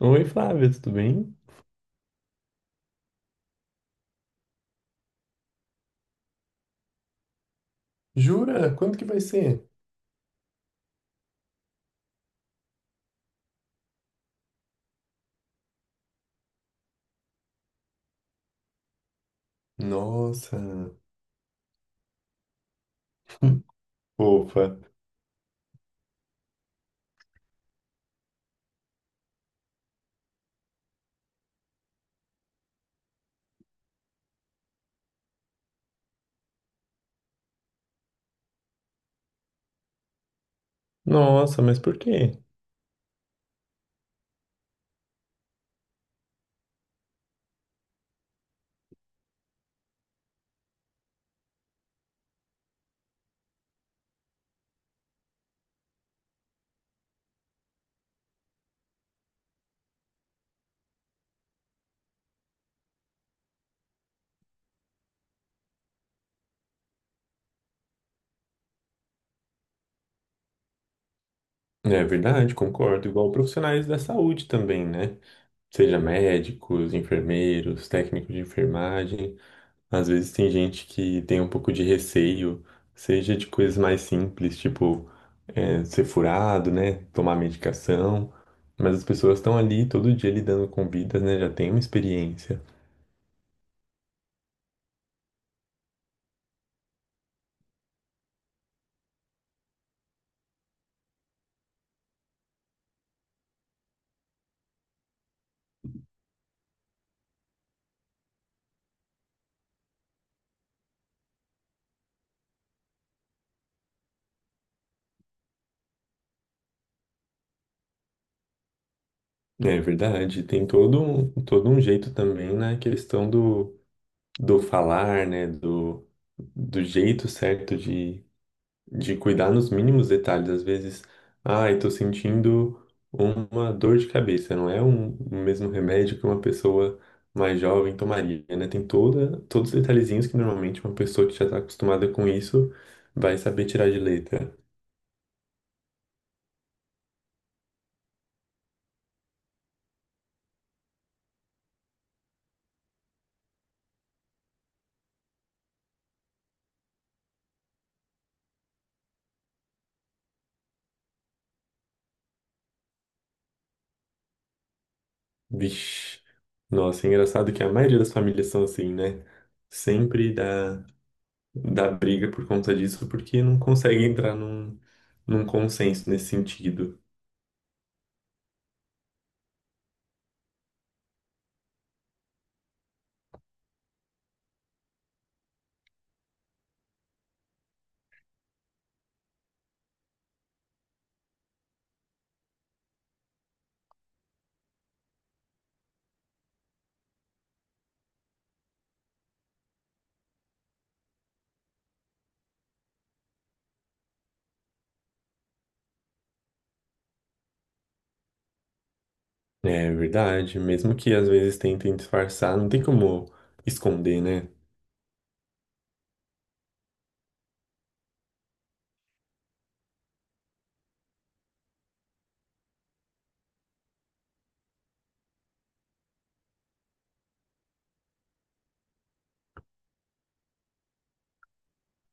Oi, Flávia, tudo bem? Jura? Quando que vai ser? Nossa, fofa. Nossa, mas por quê? É verdade, concordo. Igual profissionais da saúde também, né? Seja médicos, enfermeiros, técnicos de enfermagem. Às vezes tem gente que tem um pouco de receio, seja de coisas mais simples, tipo ser furado, né? Tomar medicação. Mas as pessoas estão ali todo dia lidando com vidas, né? Já tem uma experiência. É verdade, tem todo um jeito também na questão do falar, né? Do jeito certo de cuidar nos mínimos detalhes. Às vezes, ai, tô sentindo uma dor de cabeça, não é um, o mesmo remédio que uma pessoa mais jovem tomaria, né? Tem todos os detalhezinhos que normalmente uma pessoa que já tá acostumada com isso vai saber tirar de letra. Vixe, nossa, é engraçado que a maioria das famílias são assim, né? Sempre dá da briga por conta disso, porque não consegue entrar num consenso nesse sentido. É verdade, mesmo que às vezes tentem disfarçar, não tem como esconder, né?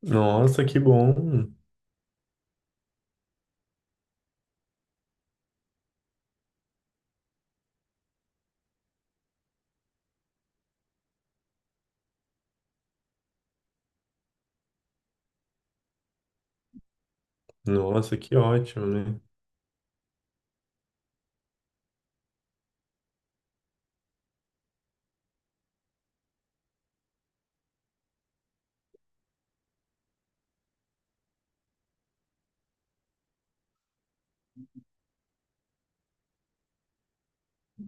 Nossa, que bom! Nossa, que ótimo, né?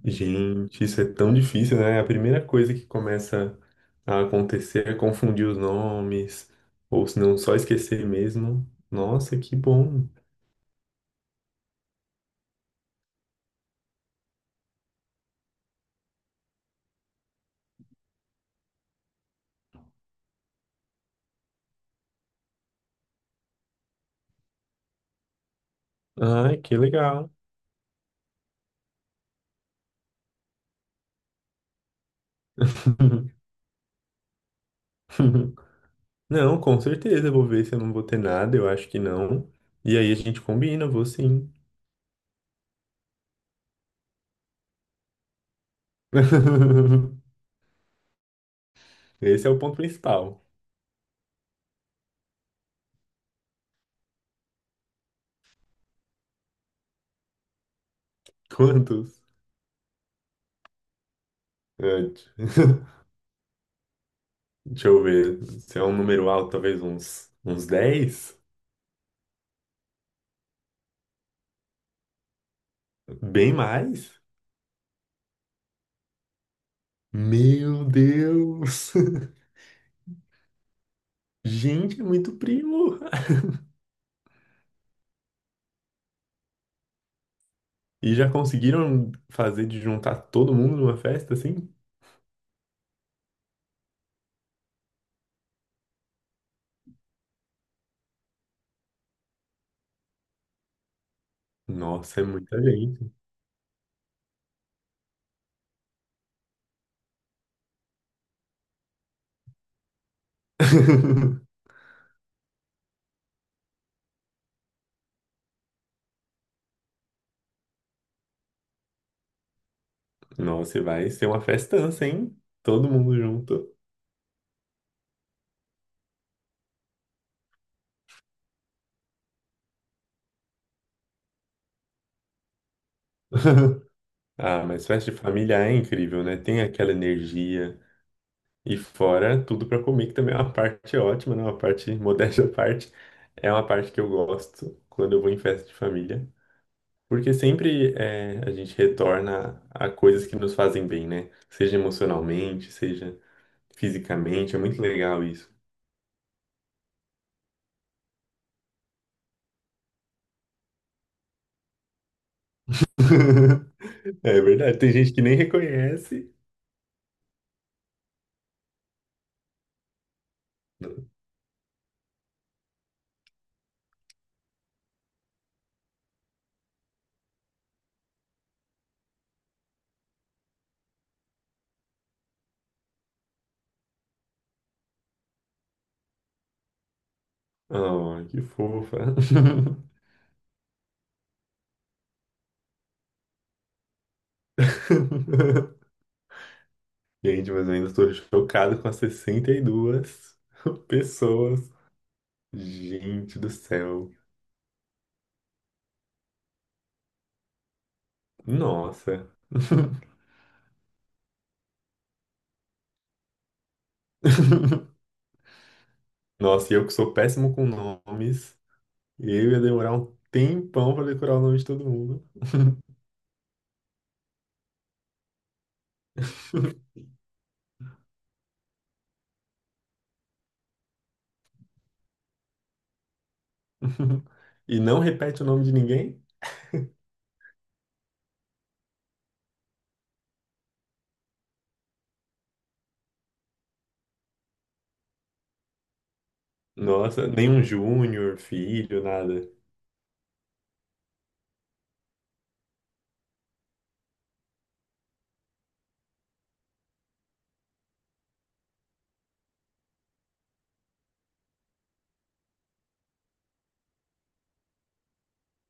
Gente, isso é tão difícil, né? É a primeira coisa que começa a acontecer é confundir os nomes, ou se não, só esquecer mesmo. Nossa, que bom! Ai, que legal! Não, com certeza, eu vou ver se eu não vou ter nada, eu acho que não. E aí a gente combina, vou sim. Esse é o ponto principal. Quantos? Antes. Deixa eu ver. Se é um número alto, talvez uns 10. Bem mais? Meu Deus! Gente, é muito primo! E já conseguiram fazer de juntar todo mundo numa festa assim? Nossa, é muita gente. Nossa, e vai ser uma festança, hein? Todo mundo junto. Ah, mas festa de família é incrível, né? Tem aquela energia. E fora tudo pra comer, que também é uma parte ótima, né? Uma parte, modéstia à parte, é uma parte que eu gosto quando eu vou em festa de família. Porque sempre é, a gente retorna a coisas que nos fazem bem, né? Seja emocionalmente, seja fisicamente. É muito legal isso. É verdade. Tem gente que nem reconhece. Oh, que fofa. Gente, mas eu ainda estou chocado com as 62 pessoas. Gente do céu. Nossa. Nossa, e eu que sou péssimo com nomes, eu ia demorar um tempão para decorar o nome de todo mundo. E não repete o nome de ninguém? Nossa, nenhum Júnior, filho, nada.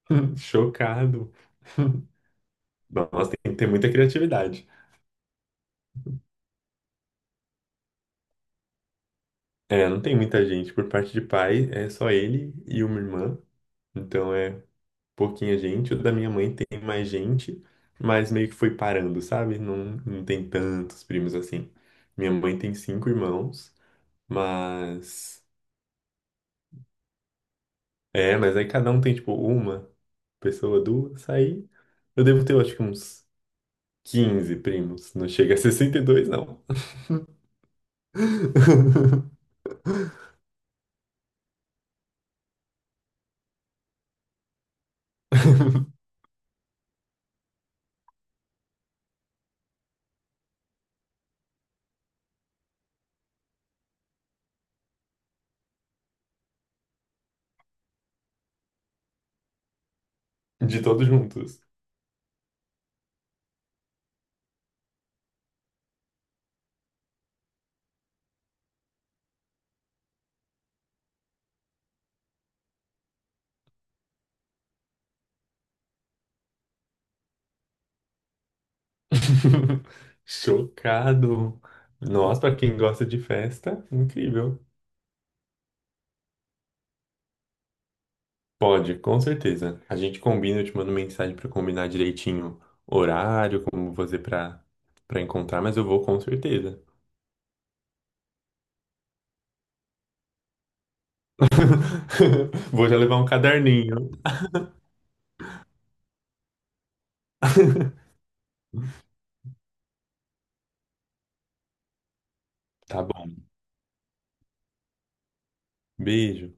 Chocado. Nossa, tem que ter muita criatividade. É, não tem muita gente. Por parte de pai, é só ele e uma irmã. Então é pouquinha gente, o da minha mãe tem mais gente, mas meio que foi parando, sabe? Não, não tem tantos primos assim. Minha mãe tem cinco irmãos, mas. É, mas aí cada um tem tipo uma pessoa, duas, aí eu devo ter, eu acho que uns 15 primos. Não chega a 62 não. De todos juntos. Chocado. Nossa, pra quem gosta de festa, incrível. Pode, com certeza. A gente combina, eu te mando mensagem para combinar direitinho horário, como você para para encontrar, mas eu vou com certeza. Vou já levar um caderninho. Tá bom. Beijo.